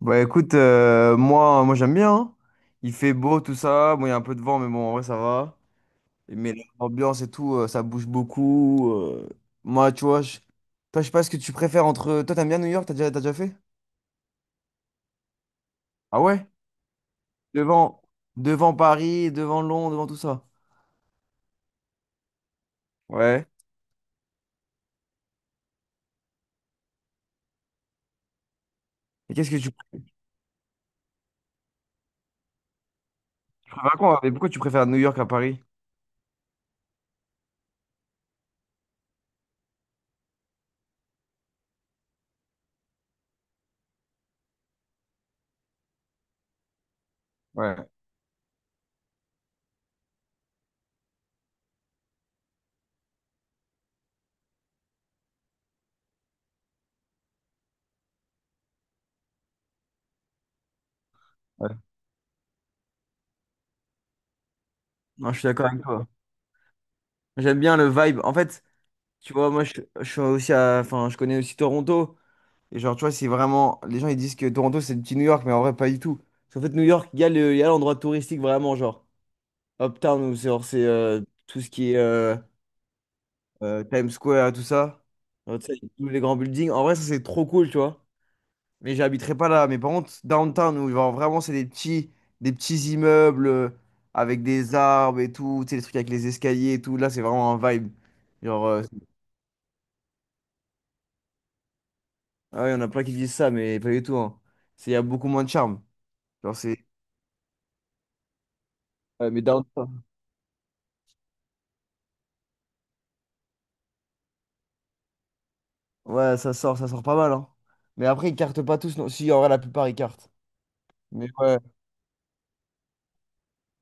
Bah écoute, moi j'aime bien, hein. Il fait beau, tout ça. Bon, il y a un peu de vent, mais bon, en vrai, ça va. Mais l'ambiance et tout, ça bouge beaucoup. Moi, tu vois, je... Toi, je sais pas ce que tu préfères entre. Toi, t'aimes bien New York? T'as déjà fait? Ah ouais? Devant, devant Paris, devant Londres, devant tout ça. Ouais. Et qu'est-ce que tu préfères à quoi? Mais pourquoi tu préfères New York à Paris? Ouais. Ouais. Non, je suis d'accord avec toi. J'aime bien le vibe. En fait, tu vois, je suis aussi à... Enfin, je connais aussi Toronto. Et genre, tu vois, c'est vraiment. Les gens, ils disent que Toronto, c'est le petit New York, mais en vrai, pas du tout. Parce qu'en fait, New York, il y a le... il y a l'endroit touristique vraiment, genre. Uptown, où c'est genre, c'est, tout ce qui est Times Square, tout ça. Genre, tu sais, tous les grands buildings. En vrai, ça, c'est trop cool, tu vois. Mais j'habiterai pas là. Mais par contre, downtown, où genre, vraiment, c'est des petits immeubles avec des arbres et tout. Tu sais, les trucs avec les escaliers et tout. Là, c'est vraiment un vibe. Genre, euh, ah ouais, on a plein qui disent ça, mais pas du tout, hein. C'est... Il y a beaucoup moins de charme. Genre, c'est. Ouais, mais downtown. Ouais, ça sort pas mal, hein. Mais après, ils cartent pas tous, non. Si, en vrai, la plupart, ils cartent. Mais ouais.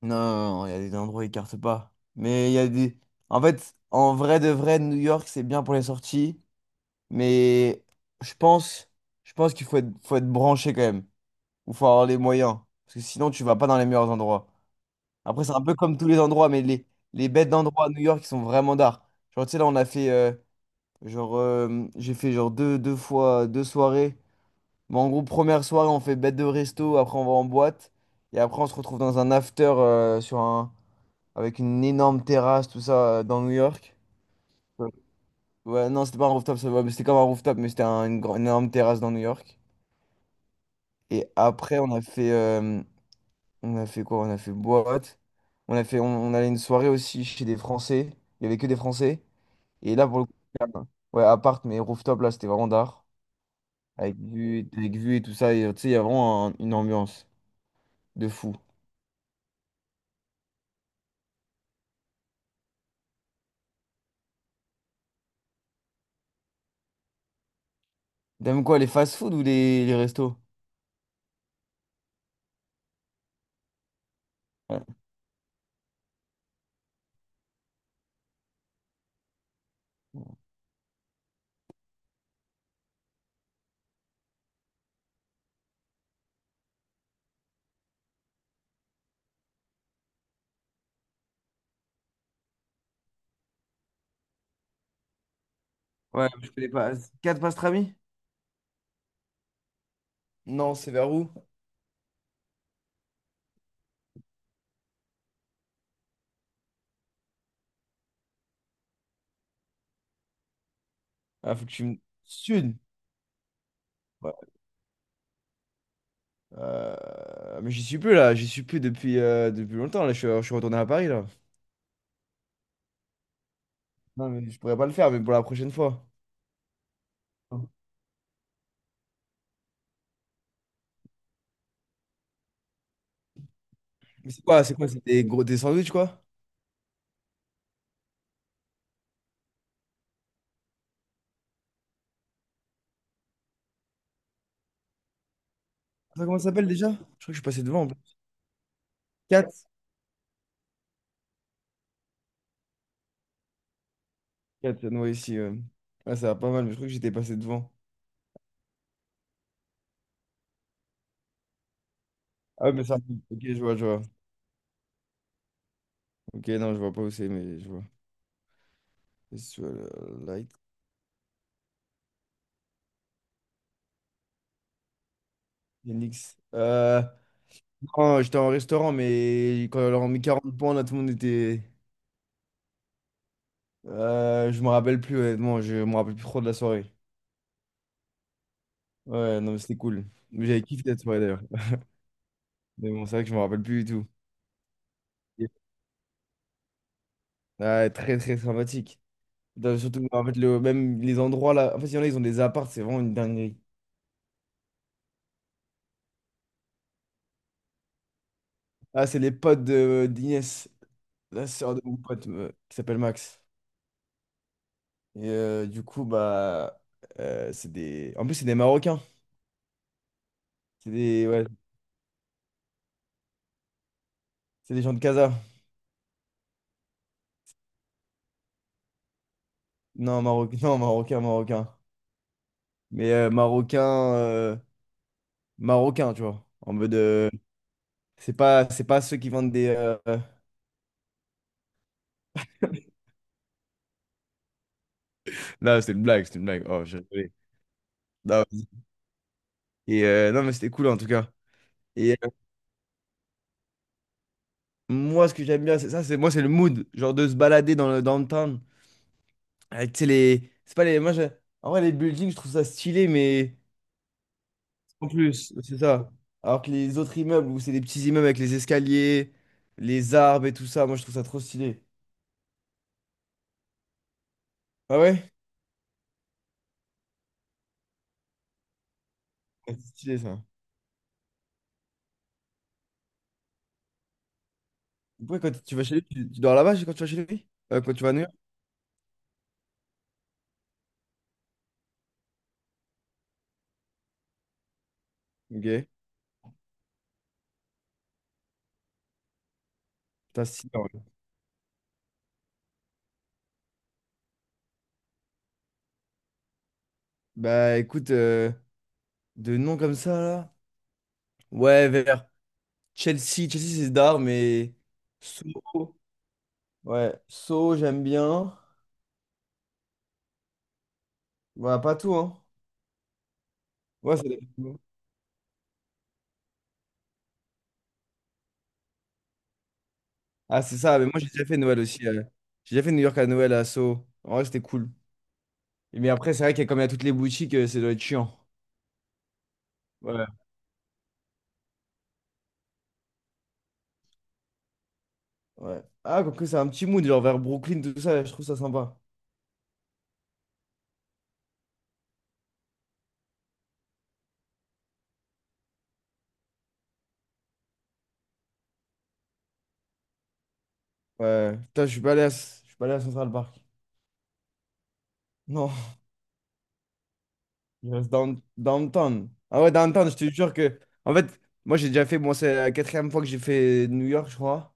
Non, non, non, il y a des endroits où ils cartent pas. Mais il y a des... En fait, en vrai de vrai, New York, c'est bien pour les sorties. Mais je pense, je pense qu'il faut être branché quand même. Ou faut avoir les moyens. Parce que sinon, tu vas pas dans les meilleurs endroits. Après, c'est un peu comme tous les endroits, mais les bêtes d'endroits à New York, ils sont vraiment d'art. Genre, tu sais, là, on a fait... genre, j'ai fait genre deux fois, deux soirées. Mais en gros, première soirée, on fait bête de resto, après on va en boîte. Et après, on se retrouve dans un after sur un... avec une énorme terrasse, tout ça, dans New York. Ouais. Ouais, non, c'était pas un rooftop, ça va, mais c'était comme un rooftop, mais c'était un- une, grande- une énorme terrasse dans New York. Et après, on a fait quoi? On a fait boîte. On a fait, on allait une soirée aussi chez des Français. Il y avait que des Français. Et là, pour le coup, euh, ouais, appart, mais rooftop, là, c'était vraiment d'art. Avec vue et tout ça. Et, tu sais, il y a vraiment un- une ambiance de fou. T'aimes quoi, les fast-food ou les restos? Ouais. Ouais, je connais pas. Quatre pastrami? Non, c'est vers où? Ah, faut que tu me... Sud. Ouais. Mais j'y suis plus là, j'y suis plus depuis, depuis longtemps. Là, je suis retourné à Paris là. Non, mais je pourrais pas le faire, mais pour la prochaine fois. Non. Mais c'est quoi? C'est quoi? C'est des gros des sandwichs quoi? Ça, comment ça s'appelle déjà? Je crois que je suis passé devant. Quatre quatre ouais, ici, ouais. Ouais, ça va pas mal, mais je crois que j'étais passé devant. Ah, ouais, mais ça. Ok, je vois, je vois. Ok, non, je vois pas où c'est, mais je vois. Visual Light. Yandex. Non, j'étais en restaurant, mais quand on leur a mis 40 points, là, tout le monde était. Je me rappelle plus, honnêtement, je me rappelle plus trop de la soirée. Ouais, non, mais c'était cool. Mais j'avais kiffé cette soirée d'ailleurs. Mais bon, c'est vrai que je me rappelle plus du tout. Ouais, très, très sympathique. Putain, surtout, en fait, le, même les endroits là. En fait, il y en a, ils ont des apparts, c'est vraiment une dinguerie. Ah, c'est les potes de d'Inès, la sœur de mon pote, qui s'appelle Max. Et euh, du coup, bah. C'est des. En plus, c'est des Marocains. C'est des. Ouais, c'est des gens de Casa. Non, Maroc... non, Marocain, Marocain. Mais Marocain, euh, Marocain, tu vois. En mode, c'est pas ceux qui vendent des. Non, c'était une blague, c'était une blague. Oh, j'ai rigolé. Non, vas-y. Et, non, mais c'était cool en tout cas. Et euh, moi, ce que j'aime bien, c'est ça, c'est moi, c'est le mood. Genre de se balader dans le downtown. Avec, tu sais, les. C'est pas les. Moi, j'ai- en vrai, les buildings, je trouve ça stylé, mais. En plus, c'est ça. Alors que les autres immeubles, où c'est des petits immeubles avec les escaliers, les arbres et tout ça, moi, je trouve ça trop stylé. Ah ouais? Ouais, c'est stylé ça. Pourquoi quand tu vas chez lui, tu dors là-bas quand tu vas chez lui? Quand tu vas à New York? Ok. Putain, si, en vrai. Bah écoute, de noms comme ça là. Ouais, vers Chelsea. Chelsea, c'est d'art, mais. Soho. Ouais, Soho, j'aime bien. Bah, pas tout, hein. Ouais, ça dépend. Ah, c'est ça, mais moi j'ai déjà fait Noël aussi. J'ai déjà fait New York à Noël à Soho. En vrai, c'était cool. Mais après, c'est vrai qu'il y a comme il y a toutes les boutiques, ça doit être chiant. Ouais. Ouais. Ah, quoique c'est un petit mood, genre vers Brooklyn, tout ça, je trouve ça sympa. Ouais. Putain, je suis pas allé à Central Park. Non, je reste downtown. Ah ouais, downtown, je te jure que. En fait, moi, j'ai déjà fait. Bon c'est la quatrième fois que j'ai fait New York, je crois.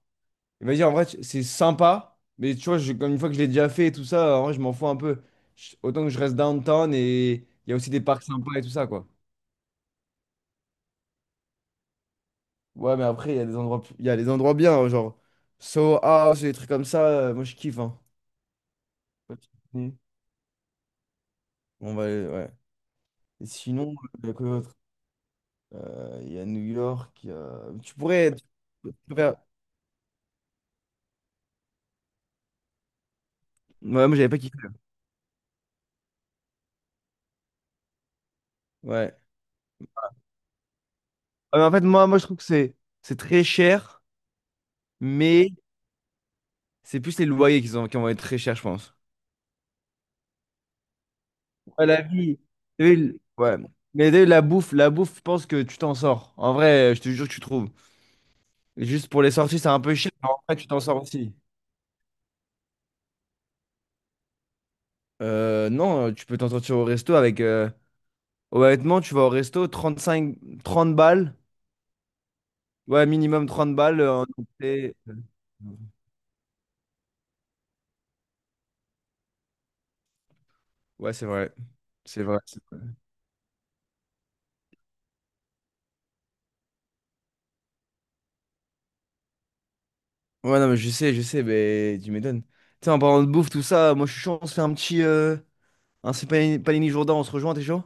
Et vas-y, en vrai, c'est sympa. Mais tu vois, je- comme une fois que je l'ai déjà fait et tout ça, en vrai, je m'en fous un peu. Je- Autant que je reste downtown et il y a aussi des parcs sympas et tout ça, quoi. Ouais, mais après, il y a des endroits, plus- il y a des endroits bien, hein, genre Soho House et des trucs comme ça. Moi, je kiffe, hein. Pas de soucis. On va, aller- ouais. Et sinon, quoi d'autre. Il y a New York. Il y a- Tu pourrais. Tu peux faire- Ouais, moi, j'avais pas kiffé. Ouais. Ah, mais en fait, je trouve que c'est très cher, mais c'est plus les loyers qui vont être très chers, je pense. Ouais, la vie. T'as vu le- Ouais. Mais t'as vu, la bouffe, je pense que tu t'en sors. En vrai, je te jure que tu trouves. Juste pour les sorties, c'est un peu cher, mais en vrai, tu t'en sors aussi. Non, tu peux t'en sortir au resto avec. Honnêtement, tu vas au resto, 35 30 balles. Ouais, minimum 30 balles. En entrée. Ouais, c'est vrai. C'est vrai, c'est vrai. Ouais, non, mais je sais, mais tu m'étonnes. Tu sais, en parlant de bouffe, tout ça, moi je suis chaud, on se fait un petit. Un c'est panini, panini Jourdain, on se rejoint, t'es chaud?